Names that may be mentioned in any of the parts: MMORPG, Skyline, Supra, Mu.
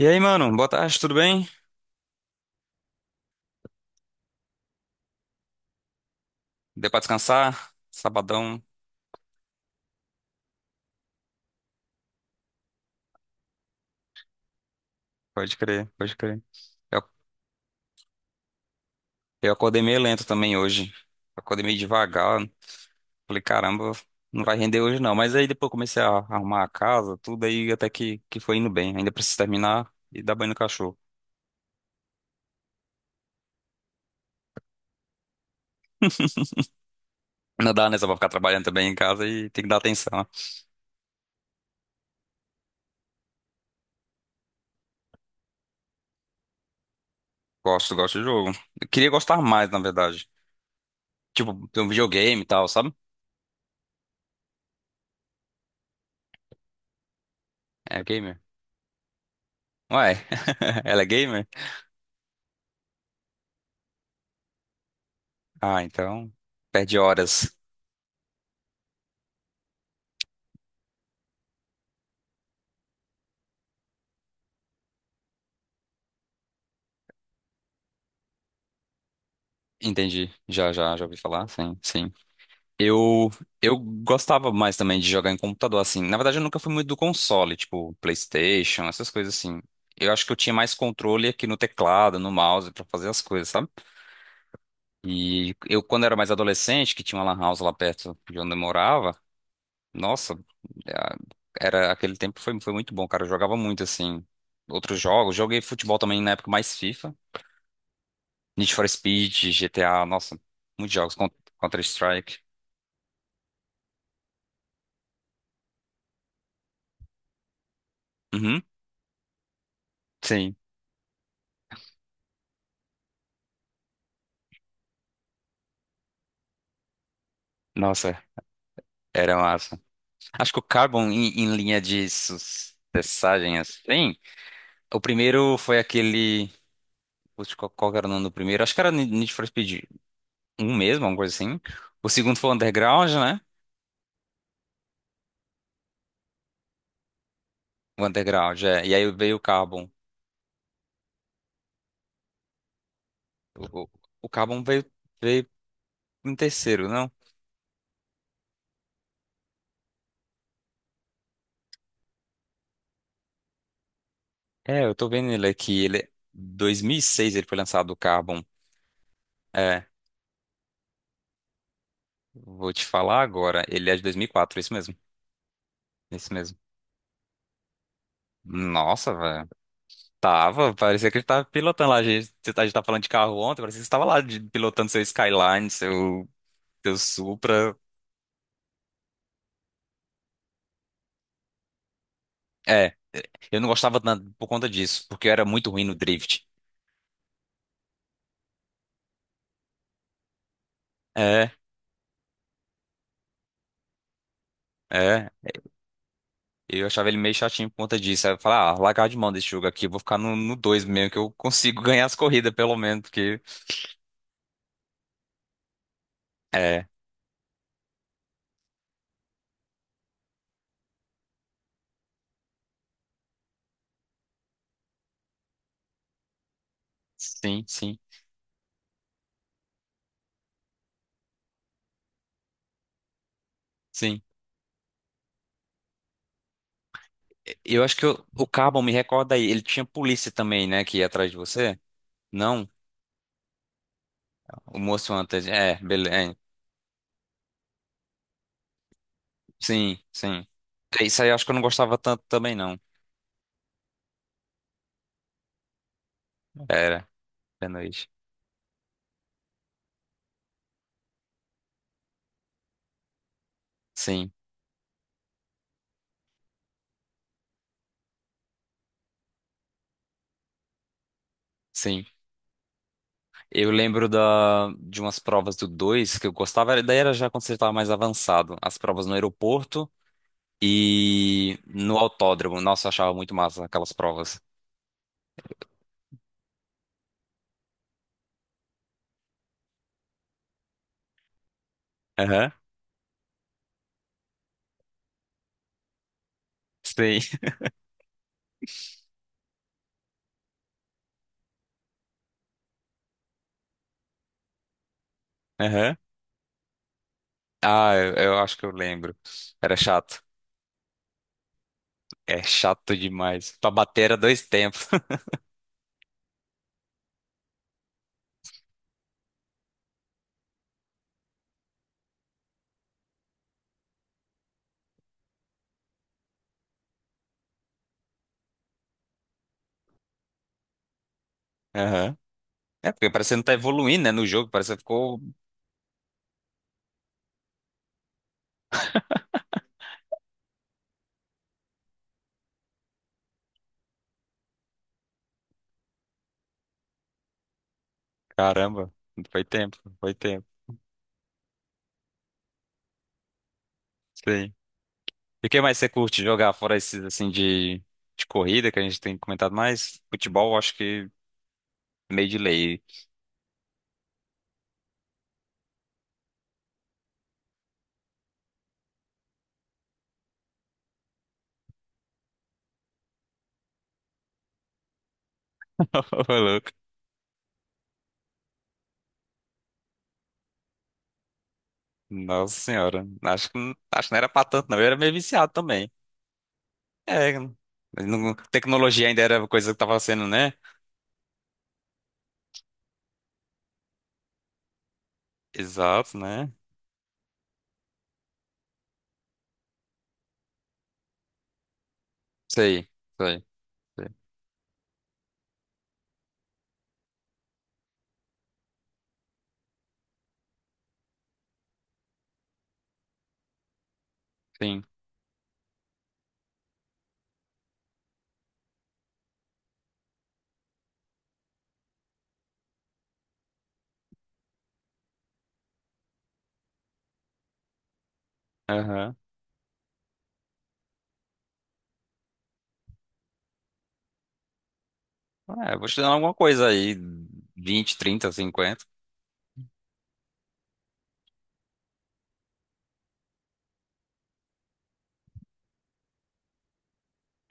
E aí, mano, boa tarde, tudo bem? Deu pra descansar? Sabadão, pode crer, pode crer. Eu, eu acordei meio lento também hoje. Acordei meio devagar. Falei, caramba, não vai render hoje não. Mas aí depois comecei a arrumar a casa, tudo aí até que foi indo bem. Ainda preciso terminar e dar banho no cachorro. Não dá, né? Só pra ficar trabalhando também em casa e tem que dar atenção, né? Gosto, gosto de jogo. Eu queria gostar mais, na verdade. Tipo, tem um videogame e tal, sabe? É gamer. Ué, ela é gamer? Ah, então. Perde horas. Entendi. Já ouvi falar. Sim, sim. Eu, eu gostava mais também de jogar em computador, assim. Na verdade, eu nunca fui muito do console, tipo PlayStation, essas coisas assim. Eu acho que eu tinha mais controle aqui no teclado, no mouse, pra fazer as coisas, sabe? E eu, quando era mais adolescente, que tinha uma lan house lá perto de onde eu morava, nossa, é, era aquele tempo foi, muito bom, cara. Eu jogava muito, assim, outros jogos. Joguei futebol também na época mais FIFA, Need for Speed, GTA, nossa, muitos jogos, Counter-Strike. Uhum. Sim, nossa, era massa. Acho que o Carbon, em linha de sucessagem, assim, o primeiro foi aquele. Putz, qual era o nome do primeiro? Acho que era Need for Speed um mesmo, alguma coisa assim. O segundo foi o Underground, né? O Underground, é. E aí veio o Carbon. O, o, o Carbon veio em terceiro, não? É, eu tô vendo ele aqui. 2006 ele foi lançado, o Carbon. É, vou te falar agora. Ele é de 2004, isso mesmo. É isso mesmo. Nossa, velho. Parecia que a gente tava pilotando lá. A gente tava falando de carro ontem, parecia que você tava lá pilotando seu Skyline, seu Supra. É, eu não gostava tanto por conta disso, porque eu era muito ruim no drift. É, é. Eu achava ele meio chatinho por conta disso. Aí eu falava, ah, largar de mão desse jogo aqui, vou ficar no 2 mesmo, que eu consigo ganhar as corridas, pelo menos, porque. É, sim, sim, sim. Eu acho que o Carbon me recorda aí, ele tinha polícia também, né, que ia atrás de você? Não? O moço antes. É, beleza. Sim, sim. É, isso aí eu acho que eu não gostava tanto também, não. Era, de noite. Sim, sim. Eu lembro de umas provas do 2 que eu gostava, daí era já quando você estava mais avançado. As provas no aeroporto e no autódromo. Nossa, eu achava muito massa aquelas provas. Aham, sim. Aham. Ah, eu acho que eu lembro. Era chato. É chato demais. Pra bater era dois tempos. Aham. É, porque parece que não tá evoluindo, né, no jogo. Parece que ficou. Caramba, foi tempo, foi tempo. Sim. E o que mais você curte jogar fora esses assim de corrida que a gente tem comentado mais? Futebol, eu acho que meio de lei. Ô, louco. Nossa senhora. Acho que não era pra tanto, não. Eu era meio viciado também. É, tecnologia ainda era coisa que tava sendo, né? Exato, né? Sei, sei, sei. Sim. Aham. É, vou te dando alguma coisa aí. 20, 30, 50.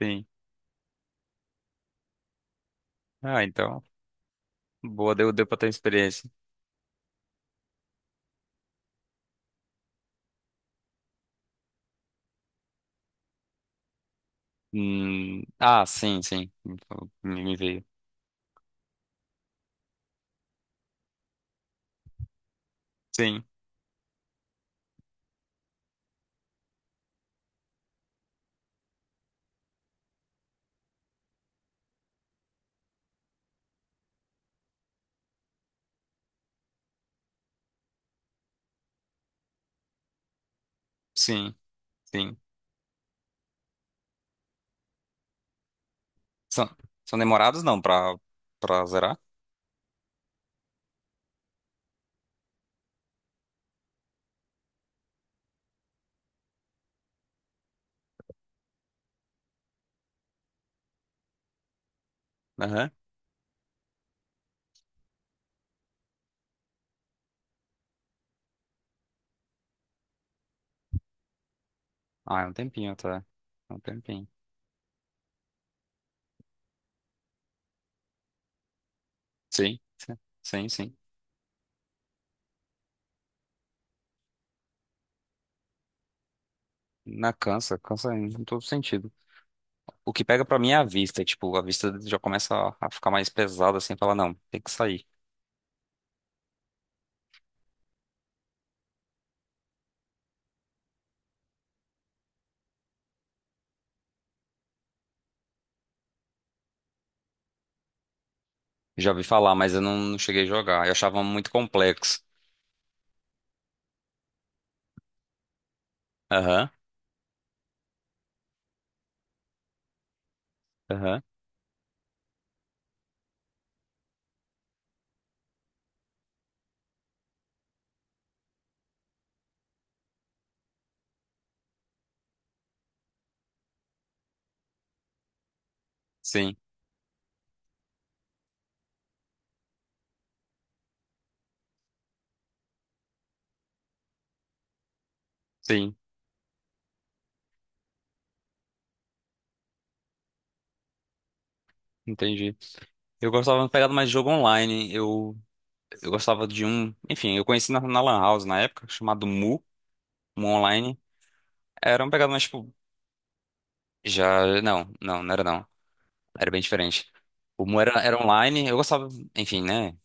Sim. Ah, então. Boa, deu pra ter experiência. Ah, sim, sim. Me veio. Sim, sim, sim. São, são demorados não pra zerar? Aham. Ah, é um tempinho até. É um tempinho. Sim, sim, sim. Sim. Na cansa, cansa em todo sentido. O que pega pra mim é a vista. Tipo, a vista já começa a ficar mais pesada assim, falar, não, tem que sair. Já ouvi falar, mas eu não cheguei a jogar. Eu achava muito complexo. Aham, aham. Sim, sim. Entendi. Eu gostava de pegar mais de jogo online. Eu gostava de um. Enfim, eu conheci na Lan House na época, chamado Mu. Um online, era um pegado mais, tipo, já, não, não, não era não, era bem diferente. O Mu era online, eu gostava, enfim, né,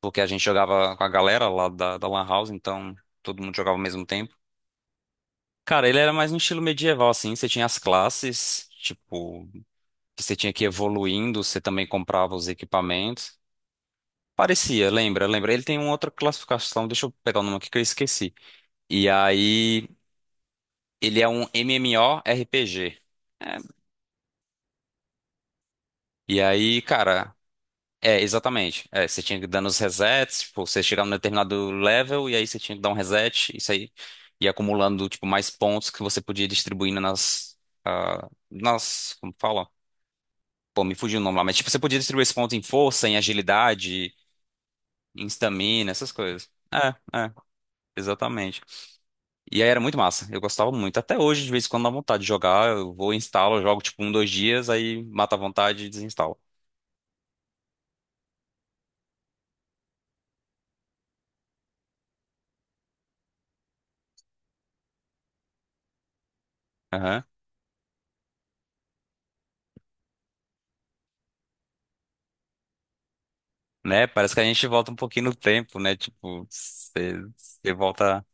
porque a gente jogava com a galera lá da Lan House, então todo mundo jogava ao mesmo tempo. Cara, ele era mais um estilo medieval, assim, você tinha as classes, tipo, que você tinha que ir evoluindo, você também comprava os equipamentos. Parecia, lembra, lembra. Ele tem uma outra classificação, deixa eu pegar o nome aqui que eu esqueci. E aí, ele é um MMORPG. E aí, cara, é, exatamente. É, você tinha que dar nos resets, tipo, você chegava num determinado level e aí você tinha que dar um reset, isso aí ia acumulando, tipo, mais pontos que você podia distribuindo nas, como fala? Pô, me fugiu o nome lá, mas tipo, você podia distribuir esses pontos em força, em agilidade, em stamina, essas coisas. É, é, exatamente. E aí era muito massa, eu gostava muito. Até hoje, de vez em quando, dá vontade de jogar, eu vou, instalo, jogo tipo um, dois dias, aí mata a vontade e desinstalo. Né? Parece que a gente volta um pouquinho no tempo, né? Tipo, você volta.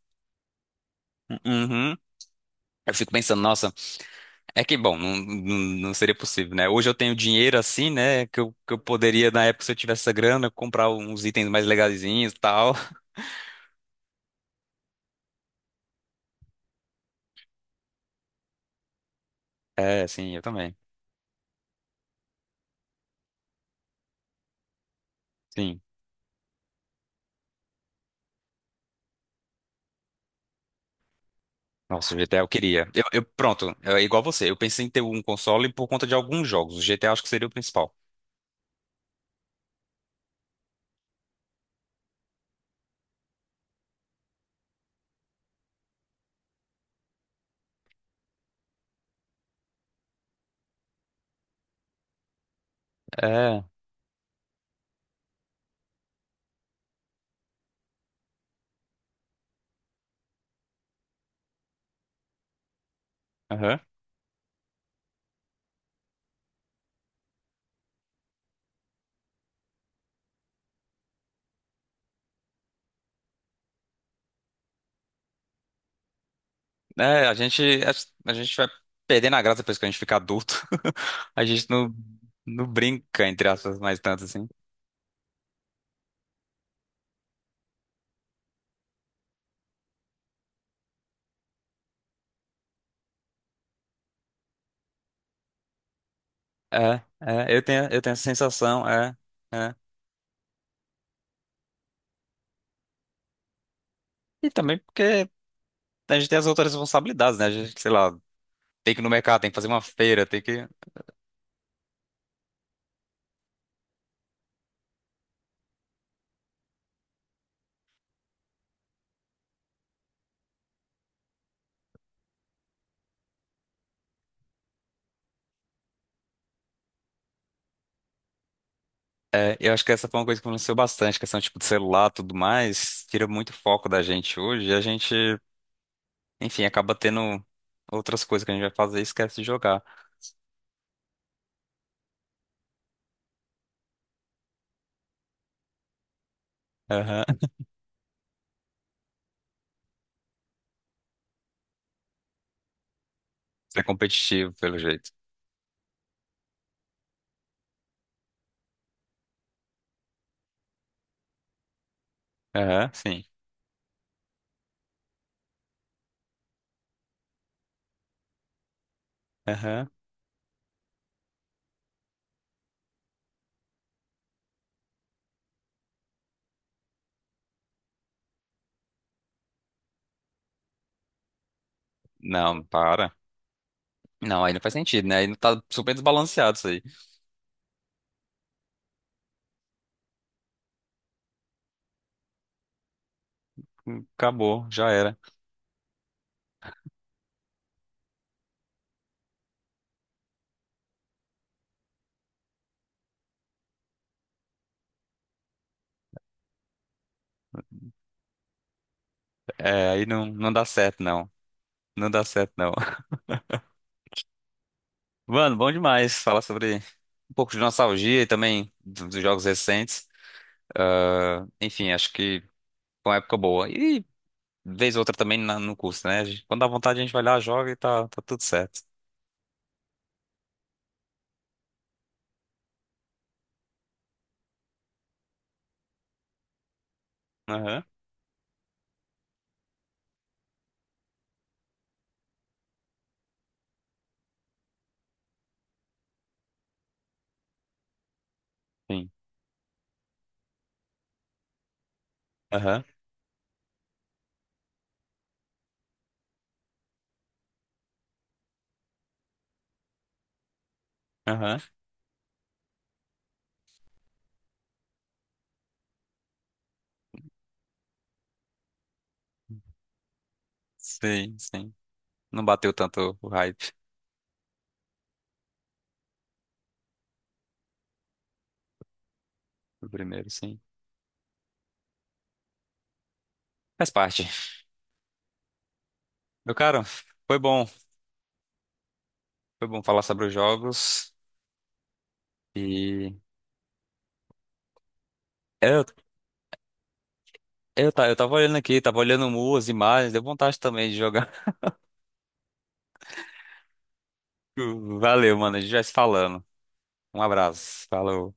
Uhum. Eu fico pensando, nossa, é que bom, não, não, não seria possível, né? Hoje eu tenho dinheiro assim, né? Que eu poderia, na época, se eu tivesse essa grana, comprar uns itens mais legazinhos e tal. É, sim, eu também. Sim. Nossa, o GTA eu queria. Pronto, é igual você. Eu pensei em ter um console por conta de alguns jogos. O GTA acho que seria o principal. É. Aham. É, a gente vai perdendo a graça depois que a gente fica adulto. A gente não brinca, entre aspas, mais tanto assim. É, é, eu tenho essa sensação, é, é. E também porque a gente tem as outras responsabilidades, né? A gente, sei lá, tem que ir no mercado, tem que fazer uma feira, tem que. É, eu acho que essa foi uma coisa que influenciou bastante, questão tipo de celular, e tudo mais, tira muito foco da gente hoje, e a gente, enfim, acaba tendo outras coisas que a gente vai fazer e esquece de jogar. Aham. Ser competitivo, pelo jeito. Aham, sim. Aham. Não, para. Não, aí não faz sentido, né? Aí não tá super desbalanceado isso aí. Acabou, já era. É, aí não dá certo, não. Não dá certo, não. Mano, bom demais falar sobre um pouco de nostalgia e também dos jogos recentes. Ah, enfim, acho que foi uma época boa. E vez ou outra também no curso, né? Quando dá vontade, a gente vai lá, joga e tá tudo certo. Aham. Sim. Aham. Aham. Sim, sim. Não bateu tanto o hype do primeiro, sim. Faz parte. Meu caro, foi bom. Foi bom falar sobre os jogos. E é, eu, eu tava olhando aqui, tava olhando as imagens, deu vontade também de jogar. Valeu, mano. A gente vai se falando. Um abraço. Falou.